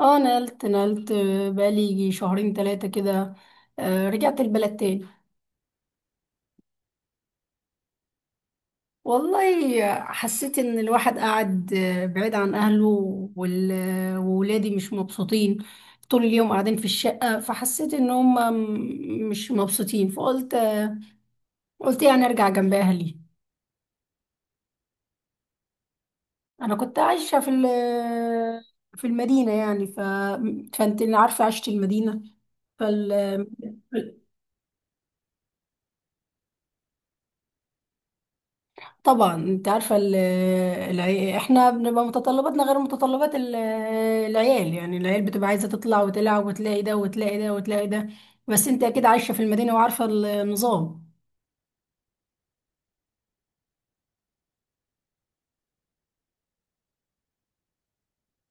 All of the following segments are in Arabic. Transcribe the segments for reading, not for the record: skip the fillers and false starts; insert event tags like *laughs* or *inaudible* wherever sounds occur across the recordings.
اه نقلت نقلت، بقالي يجي شهرين ثلاثة كده. رجعت البلد تاني. والله حسيت ان الواحد قاعد بعيد عن اهله، وولادي مش مبسوطين طول اليوم قاعدين في الشقة، فحسيت ان هم مش مبسوطين فقلت قلت يعني ارجع جنب اهلي. انا كنت عايشة في في المدينة يعني فانت عارفة عشت المدينة، فال طبعا انت عارفه احنا بنبقى متطلباتنا غير متطلبات العيال، يعني العيال بتبقى عايزه تطلع وتلعب وتلاقي ده وتلاقي ده وتلاقي ده، بس انت اكيد عايشه في المدينه وعارفه النظام.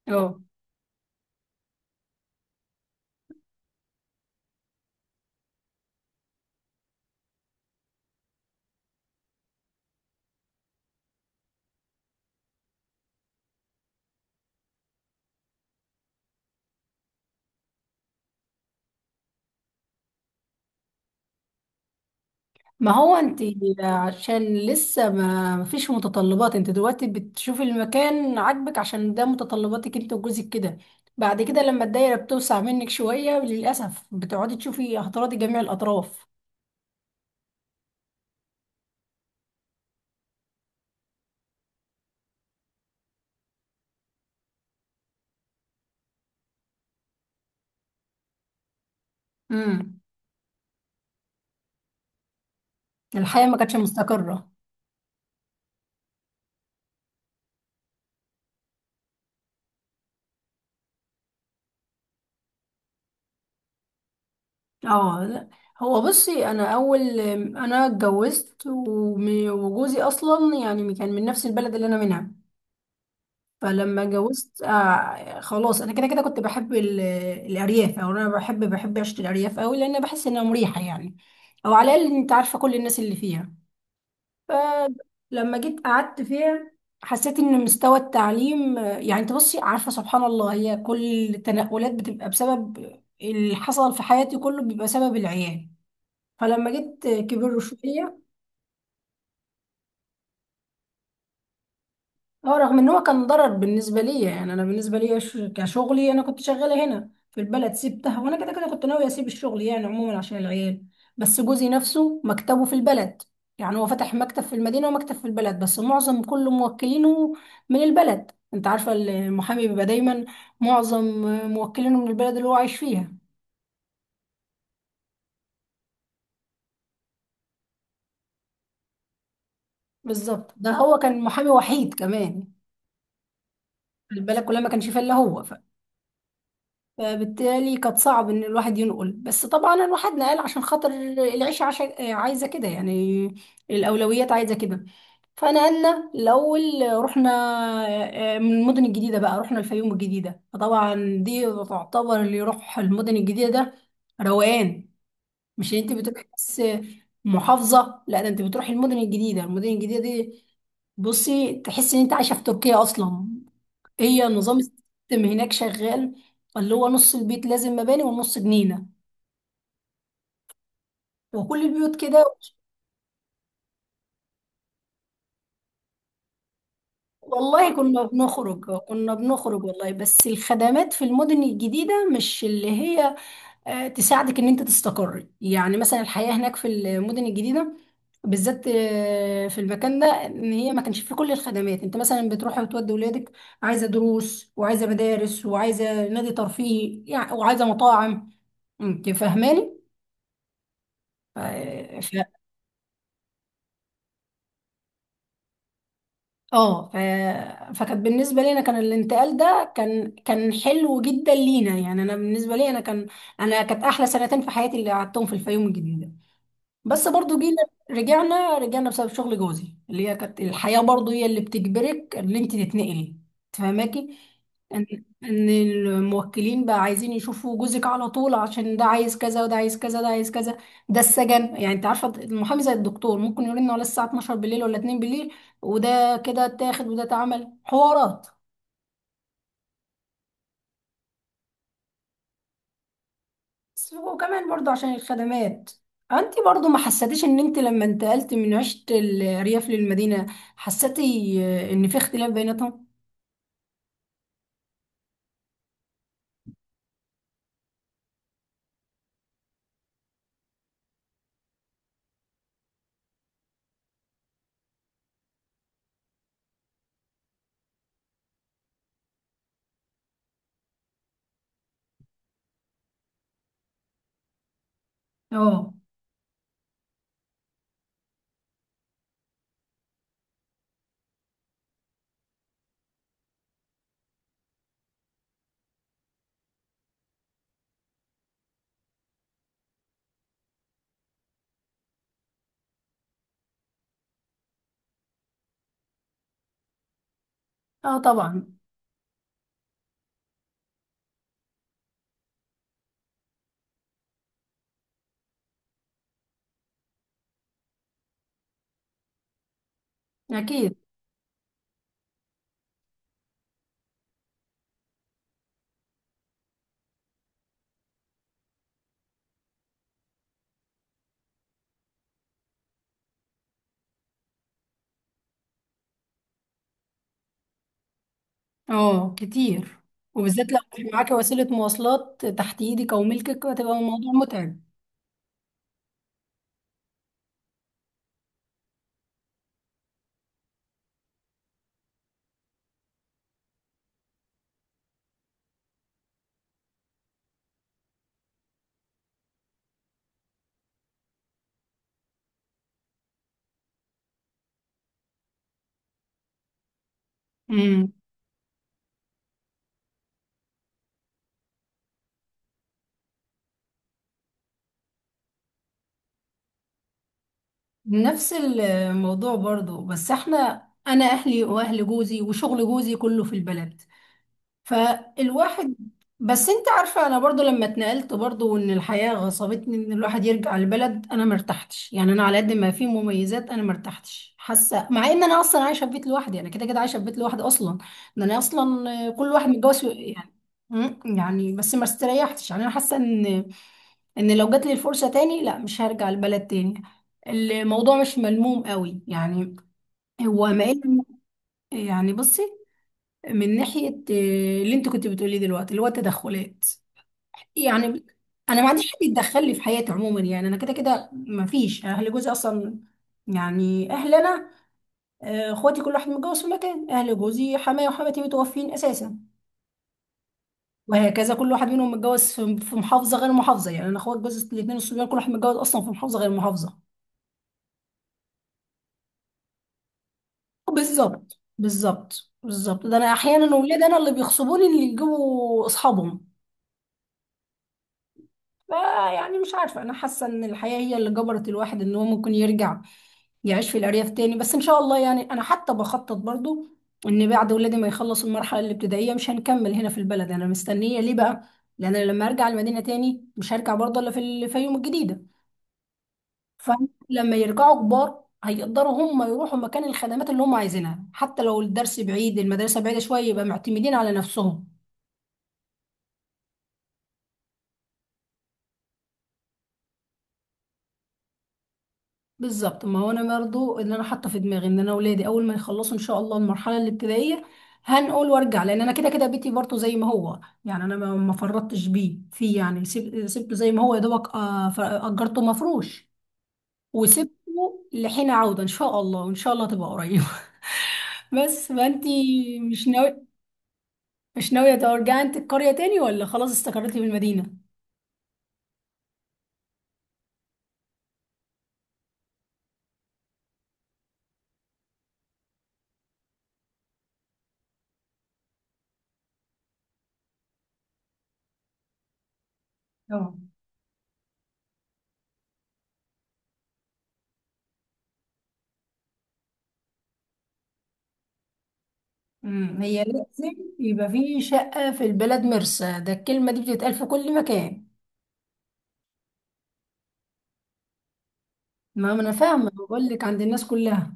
اه ما هو انت، عشان لسه ما فيش متطلبات، انت دلوقتي بتشوفي المكان عاجبك عشان ده متطلباتك انت وجوزك كده، بعد كده لما الدايره بتوسع منك شويه للاسف بتقعدي تشوفي هتراضي جميع الاطراف. امم، الحياه ما كانتش مستقره. اه لا، هو بصي انا اول انا اتجوزت وجوزي اصلا يعني كان من نفس البلد اللي انا منها، فلما اتجوزت آه خلاص انا كده كده كنت بحب الارياف، او انا بحب عيشه الارياف قوي لان بحس انها مريحه يعني، او على الاقل انت عارفه كل الناس اللي فيها. فلما جيت قعدت فيها حسيت ان مستوى التعليم يعني انت بصي عارفه سبحان الله، هي كل التنقلات بتبقى بسبب اللي حصل في حياتي، كله بيبقى سبب العيال. فلما جيت كبر شويه، اه رغم ان هو كان ضرر بالنسبه لي، يعني انا بالنسبه لي كشغلي انا كنت شغاله هنا في البلد سبتها، وانا كده كده كنت ناويه اسيب الشغل يعني عموما عشان العيال، بس جوزي نفسه مكتبه في البلد، يعني هو فتح مكتب في المدينه ومكتب في البلد بس معظم كل موكلينه من البلد. انت عارفه المحامي بيبقى دايما معظم موكلينه من البلد اللي هو عايش فيها. بالظبط، ده هو كان محامي وحيد كمان، البلد كلها ما كانش فيها الا هو، فبالتالي كانت صعب ان الواحد ينقل، بس طبعا الواحد نقل عشان خاطر العيشة عايزة كده يعني، الاولويات عايزة كده. فنقلنا الاول، رحنا من المدن الجديدة بقى، رحنا الفيوم الجديدة. فطبعا دي تعتبر، اللي يروح المدن الجديدة ده روقان، مش انت بتروحي بس محافظة، لا ده انت بتروحي المدن الجديدة. المدن الجديدة دي بصي تحسي ان انت عايشة في تركيا اصلا، هي نظام السيستم هناك شغال، اللي هو نص البيت لازم مباني ونص جنينة، وكل البيوت كده. والله كنا بنخرج، كنا بنخرج والله، بس الخدمات في المدن الجديدة مش اللي هي تساعدك ان انت تستقر، يعني مثلا الحياة هناك في المدن الجديدة بالذات في المكان ده، ان هي ما كانش فيه كل الخدمات، انت مثلا بتروحي وتودي ولادك، عايزة دروس وعايزة مدارس وعايزة نادي ترفيهي يعني وعايزة مطاعم، انت فاهماني. ف- اه فكانت بالنسبه لي انا كان الانتقال ده كان كان حلو جدا لينا، يعني انا بالنسبه لي انا كان، انا كانت احلى سنتين في حياتي اللي قعدتهم في الفيوم الجديده. بس برضو جينا رجعنا، رجعنا بسبب شغل جوزي، اللي هي كانت الحياة برضو هي اللي بتجبرك ان انت تتنقلي، تفهماكي ان ان الموكلين بقى عايزين يشوفوا جوزك على طول، عشان ده عايز كذا وده عايز كذا ده عايز كذا. ده السجن، يعني انت عارفة المحامي زي الدكتور ممكن يقول لنا ولا الساعة 12 بالليل ولا 2 بالليل، وده كده اتاخد وده اتعمل حوارات. بس وكمان برضو عشان الخدمات، انت برضو ما حسيتيش ان انت لما انتقلت من عشت الريف للمدينة حسيتي ان في اختلاف بيناتهم؟ اه، اه طبعا، اكيد، اه كتير. وبالذات لو مش معاكي وسيلة مواصلات تحت ايدك او ملكك هتبقى الموضوع متعب. امم، نفس الموضوع برضو، بس احنا انا اهلي واهل جوزي وشغل جوزي كله في البلد، فالواحد، بس انت عارفة انا برضو لما اتنقلت برضو وان الحياة غصبتني ان الواحد يرجع البلد انا مرتحتش، يعني انا على قد ما في مميزات انا مرتحتش حاسة، مع ان انا اصلا عايشة في بيت لوحدي، انا كده كده عايشة في بيت لوحدي اصلا، ان انا اصلا كل واحد متجوز يعني، يعني بس ما استريحتش. يعني انا حاسة ان ان لو جات لي الفرصة تاني لا، مش هرجع البلد تاني. الموضوع مش ملموم قوي يعني، هو ما إلا- يعني بصي، من ناحية اللي انت كنت بتقوليه دلوقتي اللي هو التدخلات، يعني انا ما عنديش حد يتدخل لي في حياتي عموما، يعني انا كده كده ما فيش اهل جوزي اصلا، يعني اهل انا اخواتي كل واحد متجوز في مكان، اهل جوزي حماية وحماتي متوفين اساسا، وهكذا كل واحد منهم متجوز في محافظة غير محافظة، يعني انا اخوات جوزي الاثنين الصبيان كل واحد متجوز اصلا في محافظة غير محافظة. بالظبط بالظبط بالظبط، ده انا احيانا اولاد انا اللي بيغصبوني اللي يجيبوا اصحابهم. آه يعني مش عارفة، أنا حاسة إن الحياة هي اللي جبرت الواحد إن هو ممكن يرجع يعيش في الأرياف تاني، بس إن شاء الله يعني أنا حتى بخطط برضو إن بعد ولادي ما يخلصوا المرحلة الابتدائية مش هنكمل هنا في البلد. أنا مستنية ليه بقى؟ لأن أنا لما أرجع المدينة تاني مش هرجع برضه إلا في الفيوم الجديدة. فلما يرجعوا كبار هيقدروا هم يروحوا مكان الخدمات اللي هم عايزينها، حتى لو الدرس بعيد المدرسة بعيدة شوية يبقى معتمدين على نفسهم. بالظبط، ما هو انا برضو اللي انا حاطه في دماغي ان انا اولادي اول ما يخلصوا ان شاء الله المرحله الابتدائيه هنقول وارجع، لان انا كده كده بيتي برضو زي ما هو، يعني انا ما فرطتش بيه فيه، يعني سبته زي ما هو يا دوبك اجرته مفروش، وسبته لحين عوده ان شاء الله، وان شاء الله تبقى قريب. *laughs* بس ما انتي مش ناوي، مش ناويه ترجعي انت القريه تاني، ولا خلاص استقريتي في المدينه؟ اه، امم، هي لازم يبقى في شقه في البلد، مرسى، ده الكلمه دي بتتقال في كل مكان. ما انا فاهمه، بقول لك عند الناس كلها.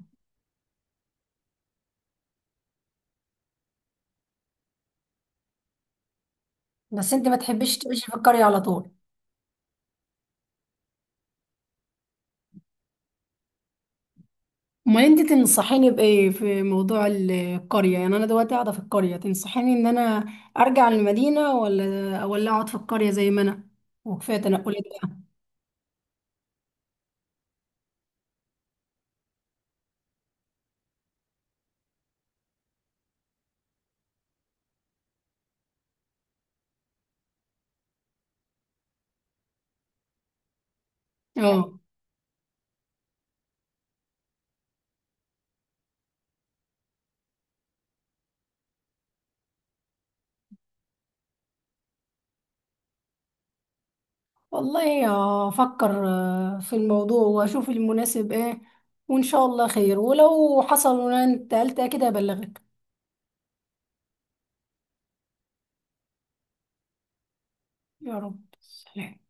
بس انت ما تحبيش تعيشي في القريه على طول؟ امال انت تنصحيني بايه في موضوع القريه، يعني انا دلوقتي قاعده في القريه، تنصحيني ان انا ارجع المدينه، ولا اقعد في القريه زي ما انا، وكفايه تنقلات بقى؟ اه، والله افكر في الموضوع واشوف المناسب ايه، وان شاء الله خير، ولو حصل وانا انتقلت كده ابلغك. يا رب. سلام.